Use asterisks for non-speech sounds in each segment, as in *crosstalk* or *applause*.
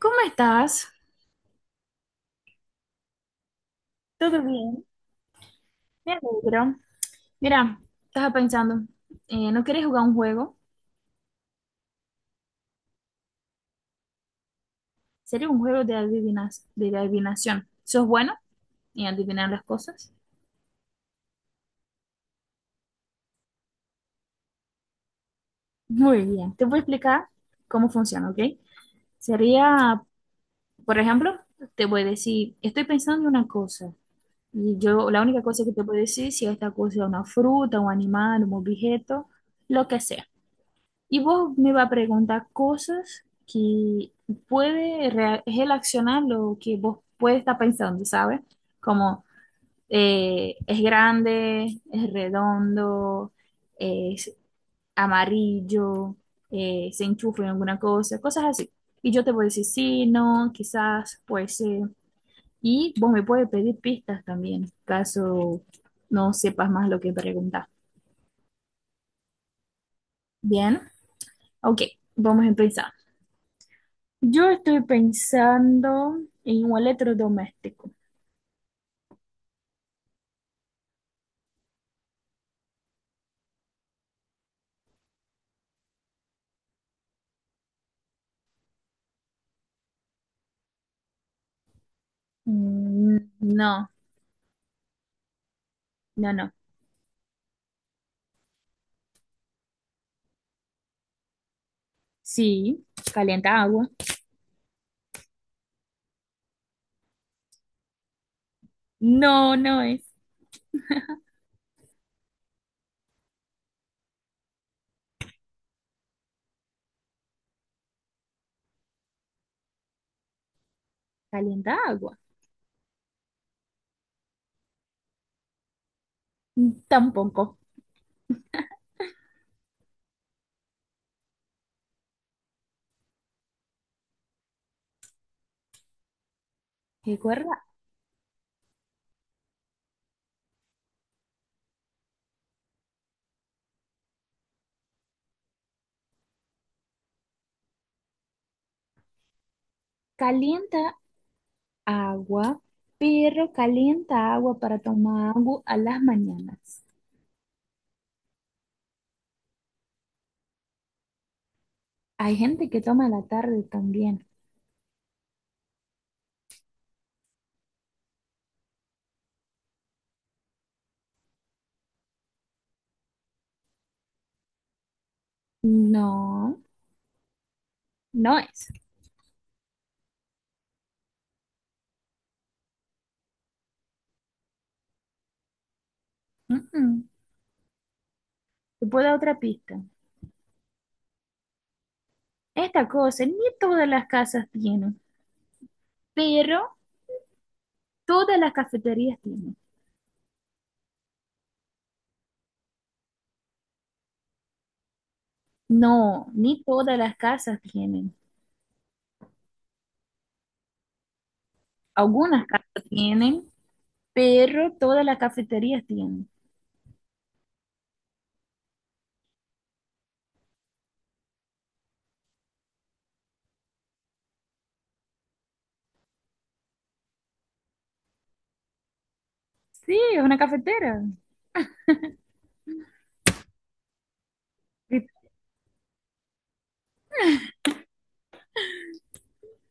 ¿Cómo estás? ¿Todo bien? Me alegro. Mira, estaba pensando, ¿no quieres jugar un juego? Sería un juego de adivinas, de adivinación. ¿Sos bueno en adivinar las cosas? Muy bien. Te voy a explicar cómo funciona, ¿ok? Sería, por ejemplo, te voy a decir, estoy pensando en una cosa. Y yo, la única cosa que te puedo decir, si esta cosa es una fruta, un animal, un objeto, lo que sea. Y vos me va a preguntar cosas que puede relacionar lo que vos puede estar pensando, ¿sabes? Como es grande, es redondo, es amarillo, se enchufa en alguna cosa, cosas así. Y yo te voy a decir sí, no, quizás, puede ser. Y vos me puedes pedir pistas también, caso no sepas más lo que preguntar. Bien, ok, vamos a empezar. Yo estoy pensando en un electrodoméstico. Mm, no, no, no. Sí, calienta agua. No, no es. Calienta agua. Mm, tampoco. Recuerda, calienta agua, pero calienta agua para tomar agua a las mañanas. Hay gente que toma a la tarde también. No, no es. Mm, mm. Te puedo dar otra pista. Esta cosa ni todas las casas tienen, pero todas las cafeterías tienen. No, ni todas las casas tienen. Algunas casas tienen, pero todas las cafeterías tienen. Sí, es una cafetera. Y-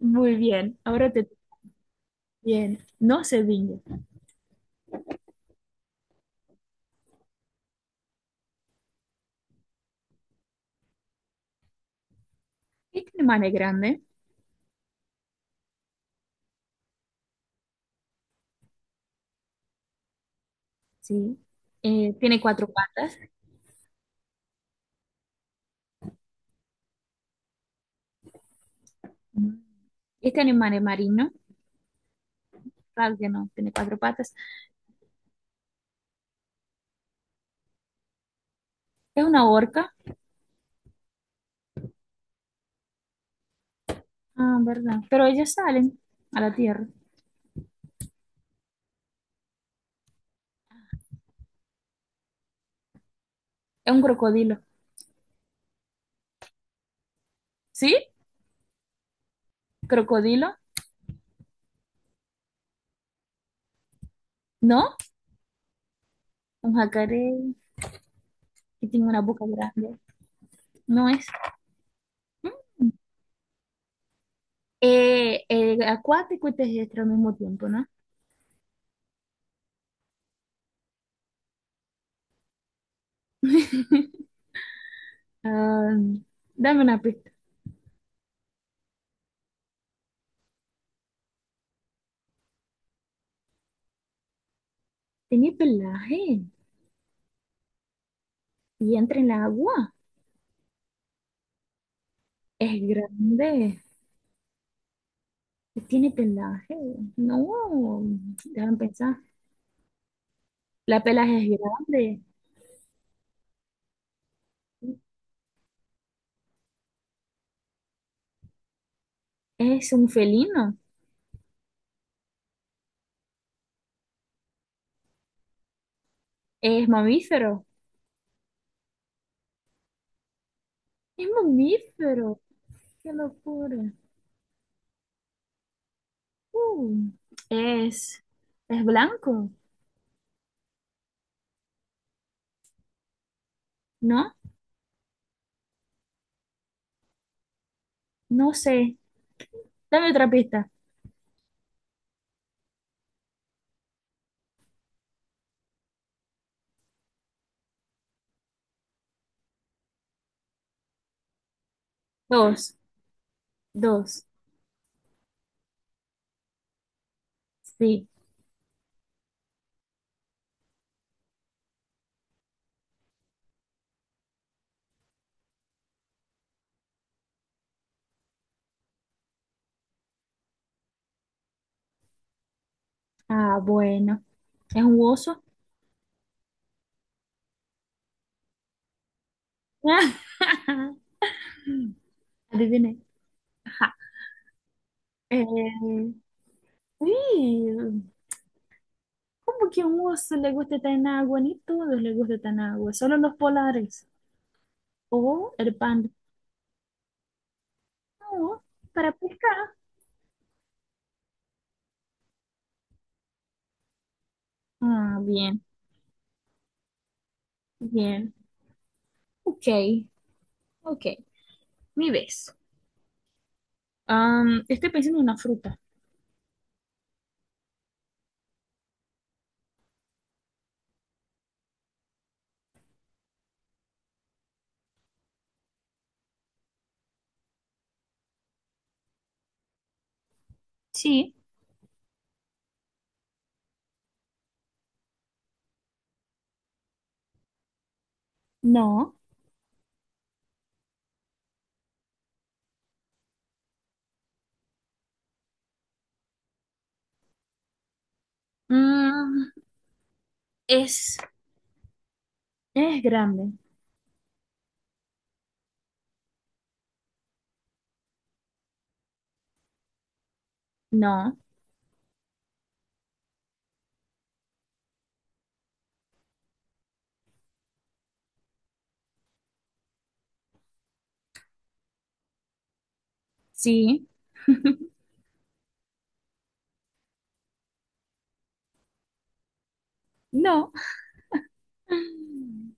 muy bien, ahora te... Bien, no se viña. Este animal es grande, sí. Tiene cuatro patas. Mm. Este animal es marino, claro que no, tiene cuatro patas. Es una orca, ah, verdad. Pero ellas salen a la tierra. Es un crocodilo. ¿Sí? ¿Crocodilo? ¿No? Un jacaré. Que tiene una boca grande. No es, mm, acuático y terrestre al mismo tiempo, ¿no? *laughs* Ah, dame una pista. Tiene pelaje y entra en el agua. Es grande. Tiene pelaje. No, déjame pensar. La pelaje es grande. Es un felino. Es mamífero. Es mamífero. Qué locura. Uh, es, es blanco, ¿no? No sé. Dame otra pista. Dos, dos, sí. Ah, bueno. ¿Es un oso? *laughs* Adiviné. Ajá. Eh, sí, ¿cómo que a un oso le gusta estar en agua? Ni todos les gusta estar en agua, solo los polares. O el panda. No, para pescar. Ah, bien, bien. Ok, ok. Mi vez. Estoy pensando en una fruta. Sí. No. Mm, es, es grande. No. Sí. No. *gasps*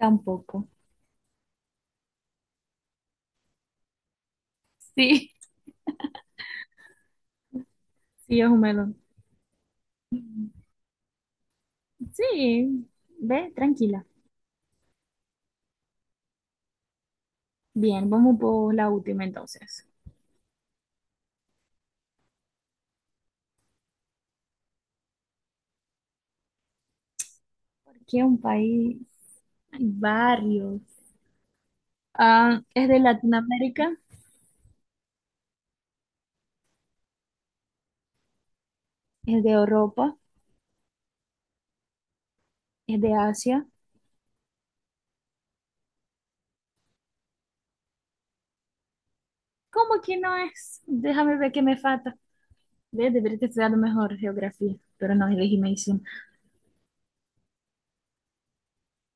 Tampoco. Sí, sí, es un melón. Sí, ve, tranquila. Bien, vamos por la última entonces. ¿Por qué un país? Hay varios. Ah, es de Latinoamérica, es de Europa, es de Asia. ¿Cómo que no es? Déjame ver qué me falta. Ve, debería estudiar mejor geografía, pero no, elegí medicina.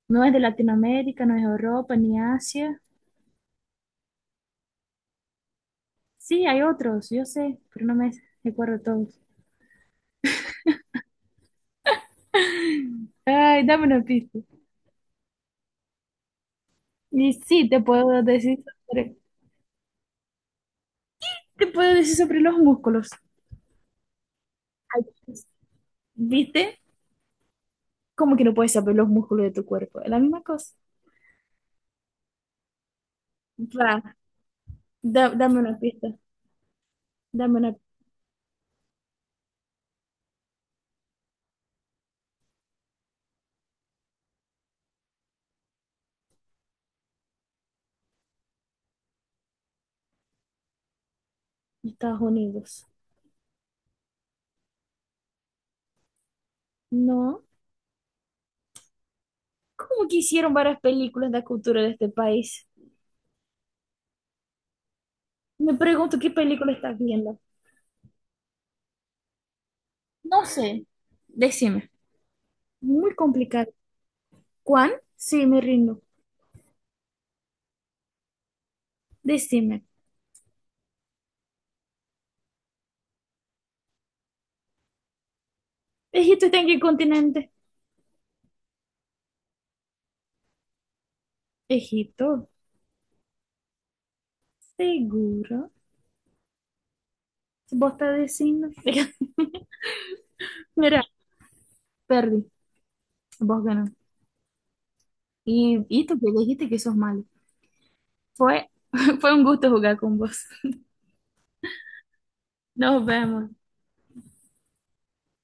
No es de Latinoamérica, no es Europa ni Asia. Sí, hay otros, yo sé, pero no me recuerdo todos. Ay, dame una pista. Y sí, te puedo decir sobre, te puedo decir sobre los músculos. Ay, ¿viste? ¿Cómo que no puedes saber los músculos de tu cuerpo? Es la misma cosa. Va, dame una pista. Dame una pista, Estados Unidos. No. ¿Cómo que hicieron varias películas de la cultura de este país? Me pregunto qué película estás viendo. No sé. Decime. Muy complicado. ¿Cuán? Sí, me rindo. Decime. ¿Egipto está en qué continente? Egipto. Seguro. ¿Vos estás diciendo? *laughs* Mira, perdí. Vos ganó. Y tú que dijiste que sos malo. Fue, *laughs* fue un gusto jugar con vos. Nos vemos.